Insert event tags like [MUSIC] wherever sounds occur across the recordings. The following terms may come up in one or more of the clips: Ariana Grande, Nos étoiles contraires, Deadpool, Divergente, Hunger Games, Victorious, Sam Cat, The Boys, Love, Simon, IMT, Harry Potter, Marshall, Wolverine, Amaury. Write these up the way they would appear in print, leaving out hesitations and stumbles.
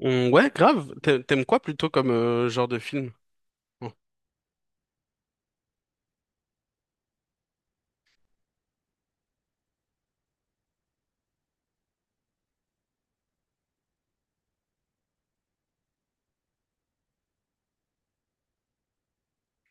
Ouais, grave. T'aimes quoi plutôt comme genre de film? Oh.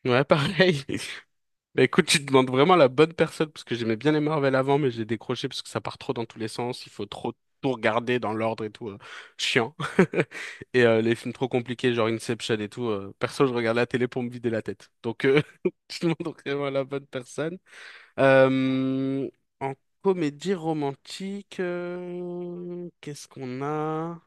Ouais, pareil. [LAUGHS] Bah écoute, tu demandes vraiment la bonne personne parce que j'aimais bien les Marvel avant, mais j'ai décroché parce que ça part trop dans tous les sens. Il faut trop tout regarder dans l'ordre et tout. Chiant. [LAUGHS] Et les films trop compliqués, genre Inception et tout. Perso, je regarde la télé pour me vider la tête. Donc, [LAUGHS] tu demandes vraiment la bonne personne. Euh, en comédie romantique, qu'est-ce qu'on a?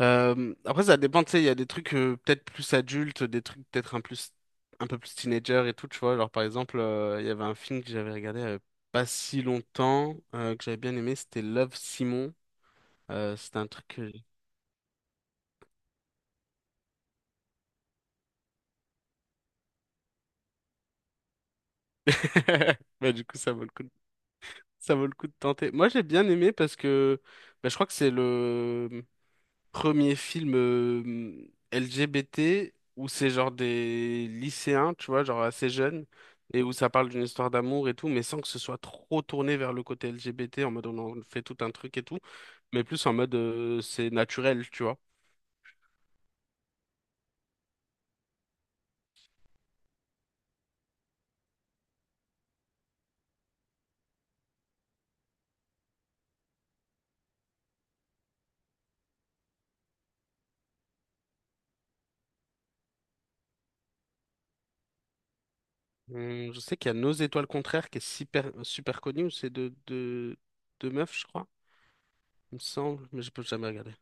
Après, ça dépend, tu sais, il y a des trucs peut-être plus adultes, des trucs peut-être un plus, un peu plus teenager et tout, tu vois. Genre, par exemple, il y avait un film que j'avais regardé pas si longtemps, que j'avais bien aimé, c'était Love, Simon. C'était un truc que... [LAUGHS] Bah, du coup, ça vaut le coup de... ça vaut le coup de tenter. Moi, j'ai bien aimé parce que bah, je crois que c'est le... premier film LGBT où c'est genre des lycéens, tu vois, genre assez jeunes, et où ça parle d'une histoire d'amour et tout, mais sans que ce soit trop tourné vers le côté LGBT, en mode on en fait tout un truc et tout, mais plus en mode c'est naturel, tu vois. Je sais qu'il y a Nos étoiles contraires qui est super, super connu, où c'est de meufs, je crois, il me semble, mais je peux jamais regarder.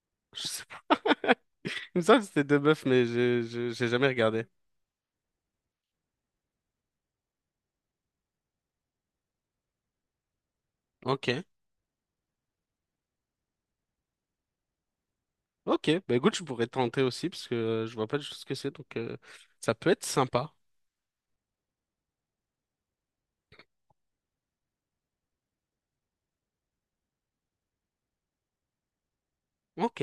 [LAUGHS] Je sais pas. [LAUGHS] Il me semble que c'était deux meufs, mais j'ai jamais regardé. Ok. Ok, bah écoute, je pourrais tenter aussi parce que je vois pas du tout ce que c'est, donc ça peut être sympa. Ok,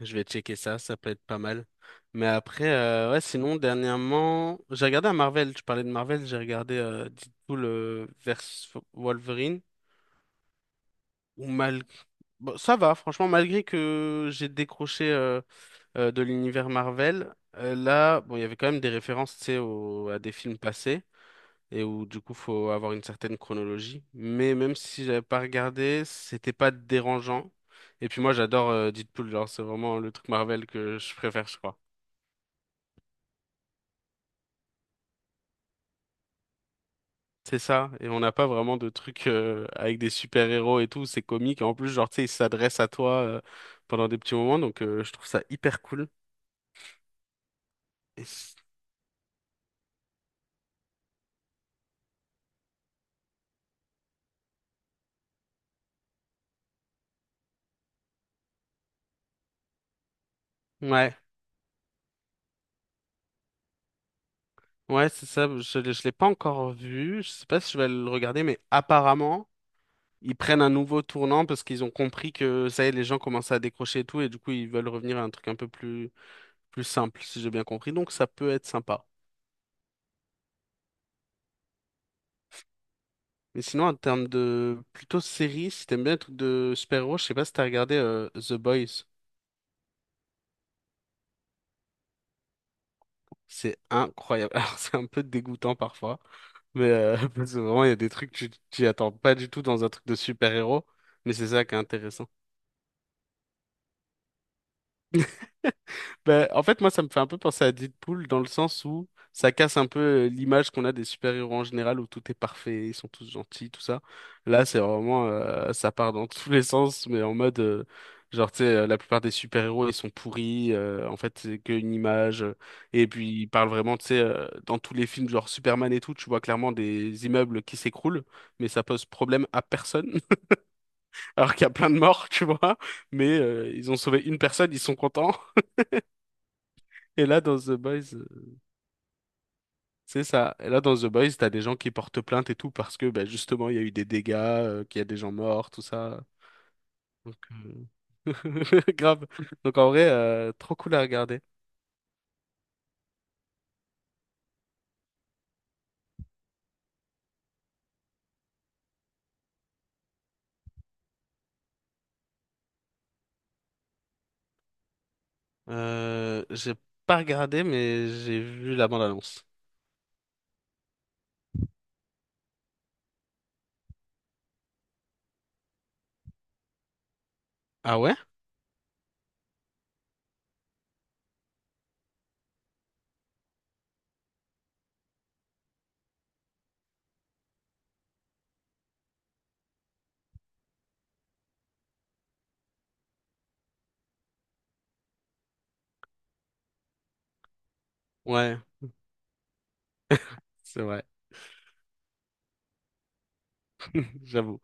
je vais checker ça, ça peut être pas mal. Mais après, ouais, sinon, dernièrement, j'ai regardé un Marvel, tu parlais de Marvel, j'ai regardé Deadpool versus Wolverine, ou mal... Bon, ça va, franchement, malgré que j'ai décroché de l'univers Marvel, là, bon, il y avait quand même des références, tu sais, à des films passés. Et où du coup faut avoir une certaine chronologie. Mais même si j'avais pas regardé, c'était pas dérangeant. Et puis moi j'adore Deadpool, genre c'est vraiment le truc Marvel que je préfère, je crois. C'est ça, et on n'a pas vraiment de trucs avec des super-héros et tout, c'est comique. Et en plus, genre, tu sais, ils s'adressent à toi pendant des petits moments, donc je trouve ça hyper cool. Et c- Ouais, ouais, c'est ça, je l'ai pas encore vu, je sais pas si je vais le regarder, mais apparemment ils prennent un nouveau tournant parce qu'ils ont compris que ça y est, les gens commencent à décrocher et tout, et du coup, ils veulent revenir à un truc un peu plus simple, si j'ai bien compris. Donc, ça peut être sympa. Mais sinon, en termes de plutôt série, si t'aimes bien les trucs de super-héros, je sais pas si t'as regardé The Boys. C'est incroyable. [LAUGHS] Alors, c'est un peu dégoûtant parfois, mais [LAUGHS] parce que vraiment, il y a des trucs que tu t'y attends pas du tout dans un truc de super-héros, mais c'est ça qui est intéressant. Ben, en fait, moi, ça me fait un peu penser à Deadpool dans le sens où ça casse un peu l'image qu'on a des super-héros en général où tout est parfait, ils sont tous gentils, tout ça. Là, c'est vraiment, ça part dans [LAUGHS] tous les sens, mais en mode, genre, tu sais, la plupart des super-héros, ils sont pourris, en fait, c'est qu'une image. Et puis, ils parlent vraiment, tu sais, dans tous les films, genre Superman et tout, tu vois clairement des immeubles qui s'écroulent, mais ça pose problème à personne, [LAUGHS] alors qu'il y a plein de morts, [LAUGHS] tu vois. Mais ils ont sauvé une personne, ils sont contents. Et là, dans The Boys. C'est ça. Et là, dans The Boys, t'as des gens qui portent plainte et tout parce que, bah, justement, il y a eu des dégâts, qu'il y a des gens morts, tout ça. Donc, [LAUGHS] grave. Donc, en vrai, trop cool à regarder. J'ai pas regardé, mais j'ai vu la bande-annonce. Ah ouais? Ouais, c'est vrai. [LAUGHS] J'avoue.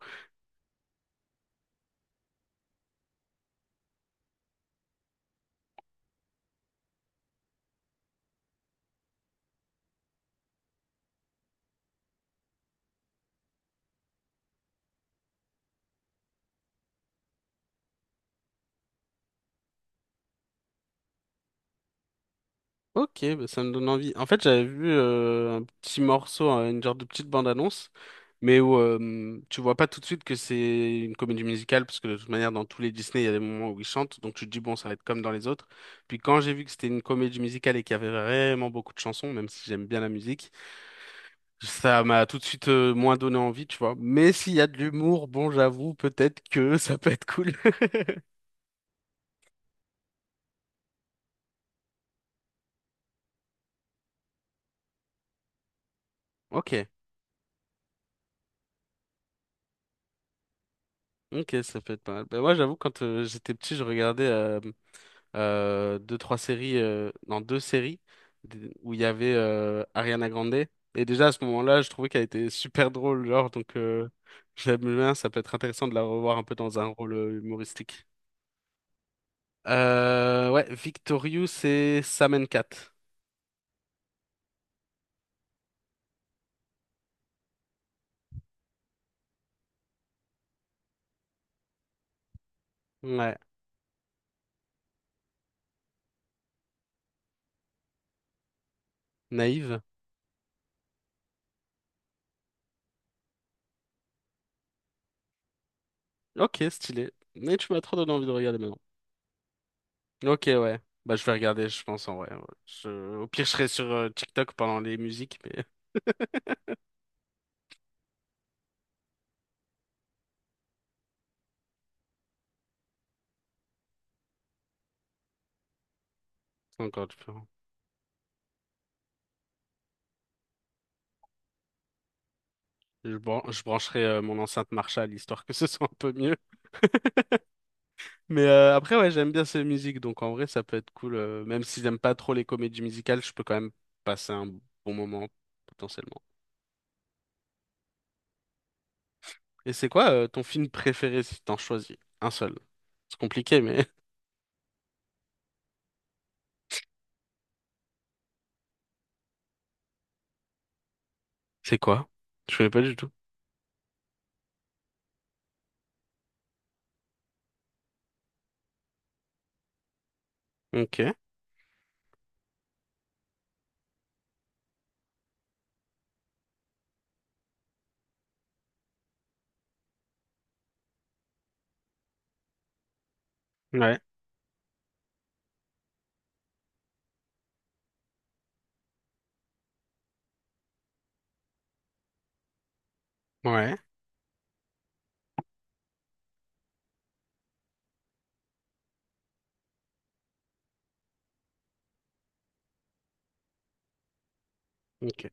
Ok, bah, ça me donne envie. En fait, j'avais vu un petit morceau, hein, une genre de petite bande-annonce, mais où tu vois pas tout de suite que c'est une comédie musicale, parce que de toute manière, dans tous les Disney, il y a des moments où ils chantent, donc tu te dis, bon, ça va être comme dans les autres. Puis quand j'ai vu que c'était une comédie musicale et qu'il y avait vraiment beaucoup de chansons, même si j'aime bien la musique, ça m'a tout de suite moins donné envie, tu vois. Mais s'il y a de l'humour, bon, j'avoue, peut-être que [LAUGHS] ça peut être cool. [LAUGHS] Ok, ok, ça peut être pas mal. Bah, moi, j'avoue, quand j'étais petit, je regardais deux, trois séries, non, deux séries où il y avait Ariana Grande. Et déjà à ce moment-là, je trouvais qu'elle était super drôle, genre, donc [LAUGHS] j'aime bien, ça peut être intéressant de la revoir un peu dans un rôle humoristique. Ouais, Victorious et Sam Cat. Ouais, naïve. Ok, stylé. Mais tu m'as trop donné envie de regarder maintenant. Ok, ouais. Bah, je vais regarder, je pense, en vrai. Ouais. Au pire, je serai sur TikTok pendant les musiques, mais [LAUGHS] c'est encore du peu. Je brancherai mon enceinte Marshall, histoire que ce [LAUGHS] soit un peu mieux. [LAUGHS] Mais après, ouais, j'aime bien ces musiques, donc en vrai, ça peut être cool. Même si j'aime pas trop les comédies musicales, je peux quand même passer un bon moment, potentiellement. Et c'est quoi ton film préféré si t'en choisis? Un seul. C'est compliqué, mais [LAUGHS] c'est quoi? Je connais pas du tout. Ok. Ouais. Ouais. Ok.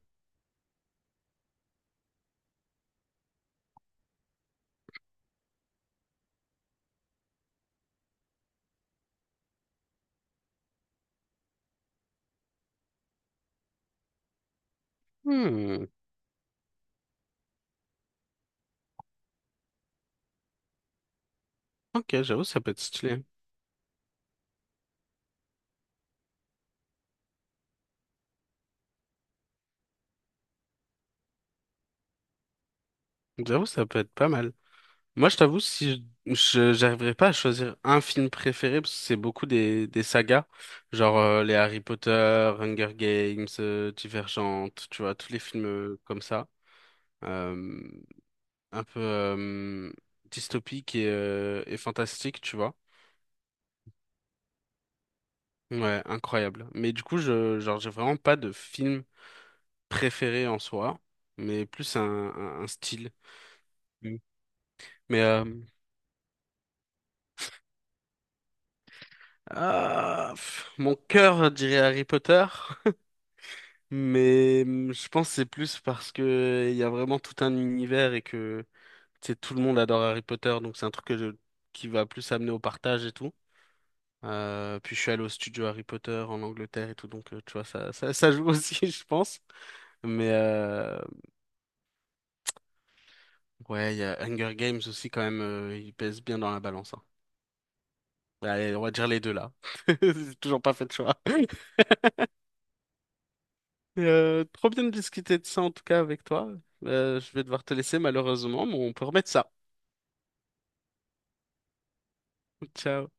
Hmm. Ok, j'avoue, ça peut être stylé. J'avoue, ça peut être pas mal. Moi, je t'avoue, si je, je- j'arriverais pas à choisir un film préféré, parce que c'est beaucoup des sagas, genre les Harry Potter, Hunger Games, Divergente, tu vois, tous les films comme ça, euh, un peu dystopiques et fantastiques, tu vois. Ouais, incroyable. Mais du coup, je, genre, j'ai vraiment pas de film préféré en soi, mais plus un style. Mm. Mais ah, pff, mon cœur dirait Harry Potter. [LAUGHS] Mais je pense que c'est plus parce que il y a vraiment tout un univers et que tu sais, tout le monde adore Harry Potter, donc c'est un truc que qui va plus amener au partage et tout. Puis je suis allé au studio Harry Potter en Angleterre et tout, donc tu vois, ça joue [LAUGHS] aussi, je pense. Mais ouais, il y a Hunger Games aussi quand même, il pèse bien dans la balance, hein. Allez, on va dire les deux là. [LAUGHS] J'ai toujours pas fait de choix. [LAUGHS] Trop bien de discuter de ça en tout cas avec toi. Je vais devoir te laisser malheureusement, mais on peut remettre ça. Ciao.